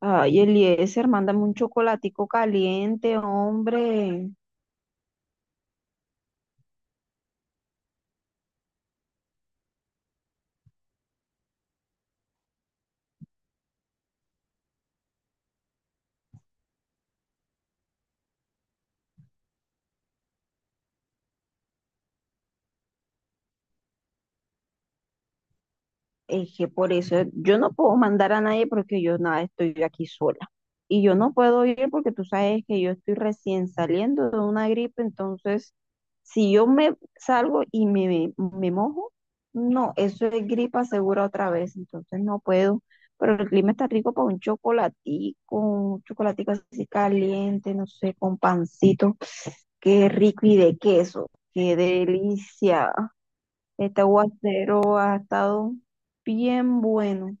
Ay, Eliezer, mándame un chocolatico caliente, hombre. Es que por eso yo no puedo mandar a nadie porque yo nada, estoy aquí sola. Y yo no puedo ir porque tú sabes que yo estoy recién saliendo de una gripe, entonces si yo me salgo y me mojo, no, eso es gripa segura otra vez, entonces no puedo. Pero el clima está rico para un chocolatico así caliente, no sé, con pancito. Qué rico y de queso. Qué delicia. Este aguacero ha estado bien bueno.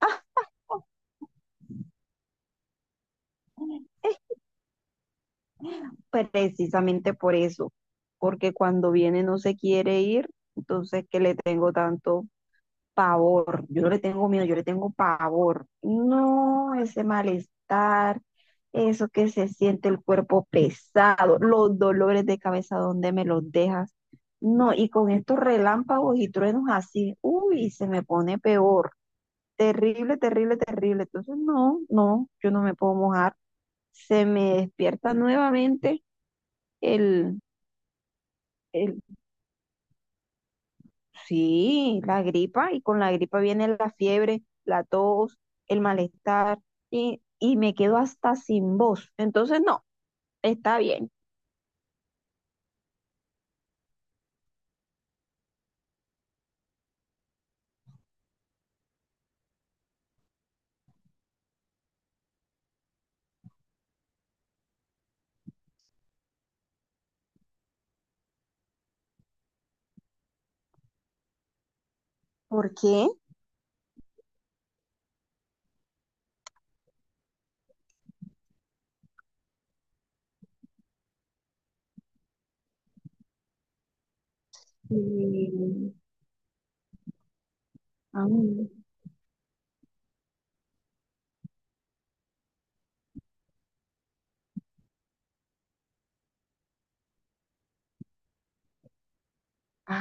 Precisamente por eso. Porque cuando viene no se quiere ir. Entonces, ¿que le tengo tanto? Pavor. Yo no le tengo miedo, yo le tengo pavor. No, ese malestar, eso que se siente el cuerpo pesado, los dolores de cabeza, ¿dónde me los dejas? No, y con estos relámpagos y truenos así, se me pone peor. Terrible, terrible, terrible. Entonces, no, no, yo no me puedo mojar. Se me despierta nuevamente el... Sí, la gripa, y con la gripa viene la fiebre, la tos, el malestar, y me quedo hasta sin voz. Entonces, no, está bien. ¿Por qué? Mm. Ay,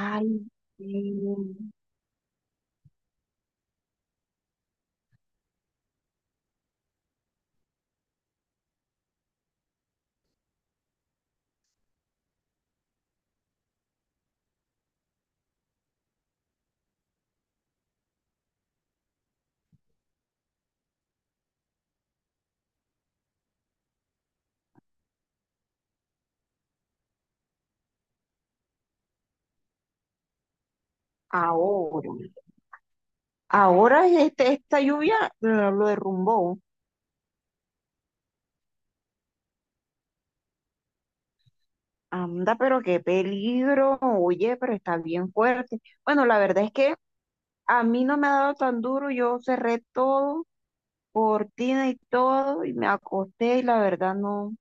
ay, mm, ahora. Ahora esta lluvia lo derrumbó. Anda, pero qué peligro. Oye, pero está bien fuerte. Bueno, la verdad es que a mí no me ha dado tan duro. Yo cerré todo, cortina y todo, y me acosté y la verdad no,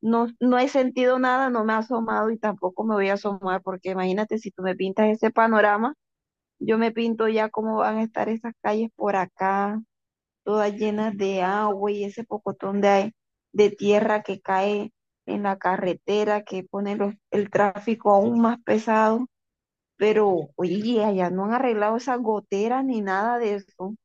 no, no he sentido nada, no me ha asomado y tampoco me voy a asomar, porque imagínate si tú me pintas ese panorama, yo me pinto ya cómo van a estar esas calles por acá, todas llenas de agua y ese pocotón de, ae- de tierra que cae en la carretera, que pone los- el tráfico aún más pesado. Pero, oye, allá no han arreglado esas goteras ni nada de eso.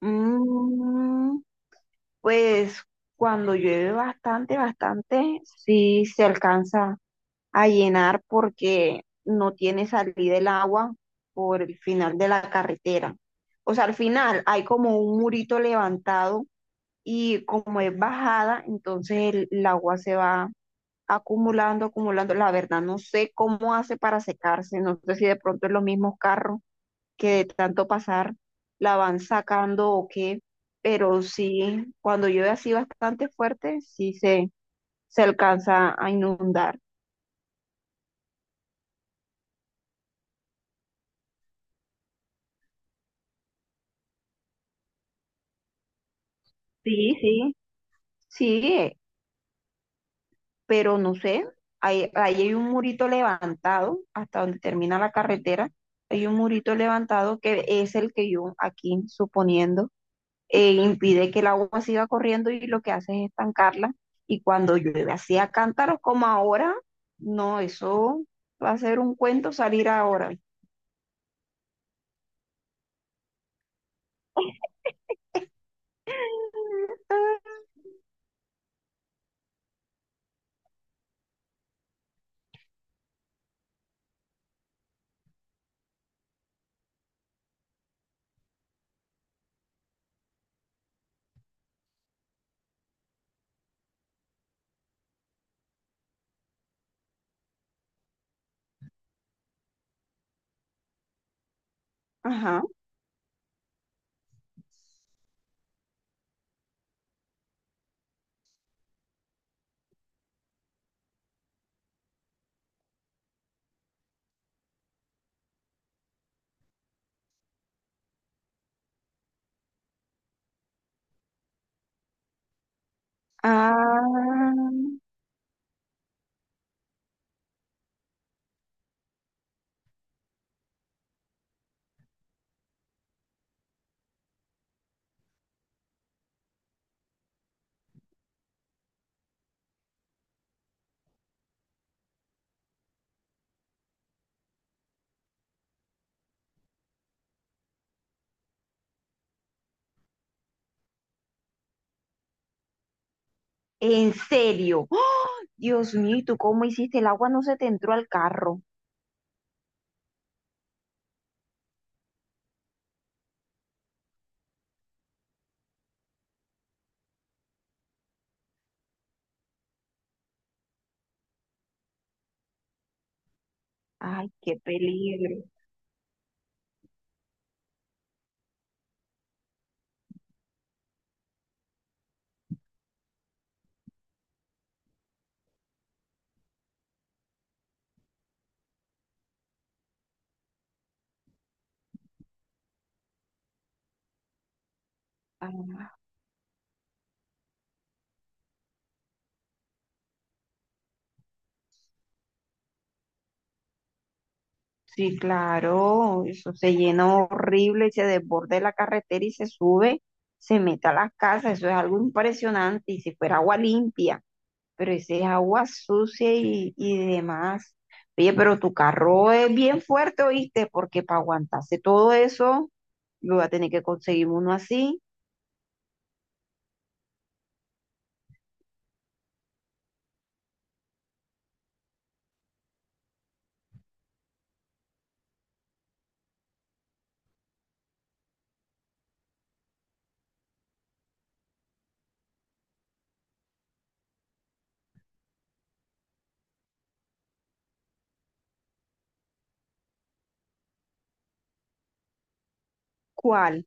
Mm. Pues cuando llueve bastante, bastante, sí se alcanza a llenar porque no tiene salida el agua por el final de la carretera. O sea, al final hay como un murito levantado y como es bajada, entonces el agua se va acumulando, acumulando. La verdad, no sé cómo hace para secarse, no sé si de pronto es los mismos carros que de tanto pasar la van sacando o qué, pero sí, cuando llueve así bastante fuerte, se alcanza a inundar. Sí, sí, sí, pero no sé, ahí hay un murito levantado hasta donde termina la carretera, hay un murito levantado que es el que yo aquí suponiendo impide que el agua siga corriendo y lo que hace es estancarla. Y cuando llueve así a cántaros como ahora, no, eso va a ser un cuento salir ahora. Ajá. Ah, en serio. ¡Ah! Dios mío, ¿y tú cómo hiciste? El agua no se te entró al carro. Ay, qué peligro. Ah. Sí, claro, eso se llena horrible y se desborde la carretera y se sube, se mete a las casas, eso es algo impresionante y si fuera agua limpia, pero ese es agua sucia y demás. Oye, pero tu carro es bien fuerte, ¿oíste? Porque para aguantarse todo eso, yo voy a tener que conseguir uno así. ¿Cuál?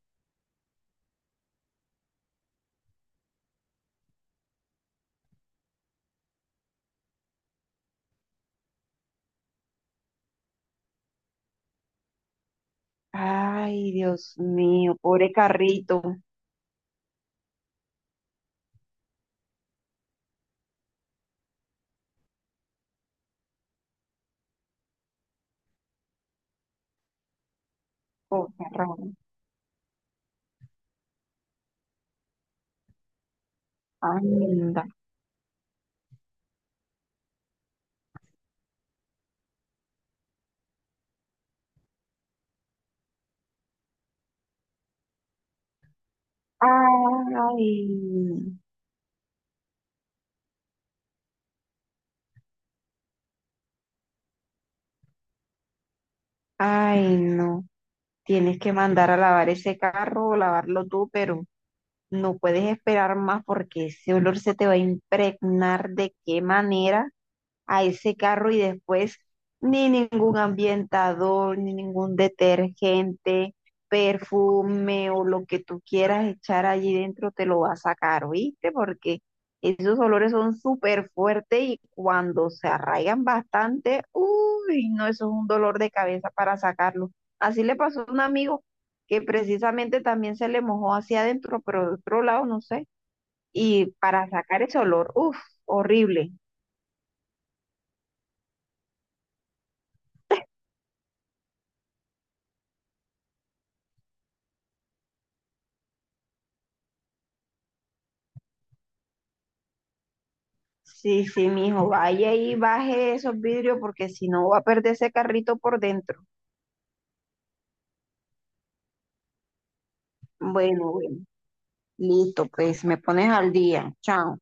Ay, Dios mío, pobre carrito, pobre carro. Anda. Ay. Ay, no. Tienes que mandar a lavar ese carro o lavarlo tú, pero no puedes esperar más porque ese olor se te va a impregnar de qué manera a ese carro y después ni ningún ambientador, ni ningún detergente, perfume o lo que tú quieras echar allí dentro te lo va a sacar, ¿viste? Porque esos olores son súper fuertes y cuando se arraigan bastante, uy, no, eso es un dolor de cabeza para sacarlo. Así le pasó a un amigo que precisamente también se le mojó hacia adentro, pero de otro lado, no sé. Y para sacar ese olor, uff, horrible. Sí, sí, mijo, vaya y baje esos vidrios porque si no va a perder ese carrito por dentro. Bueno, bueno, listo, pues me pones al día. Chao.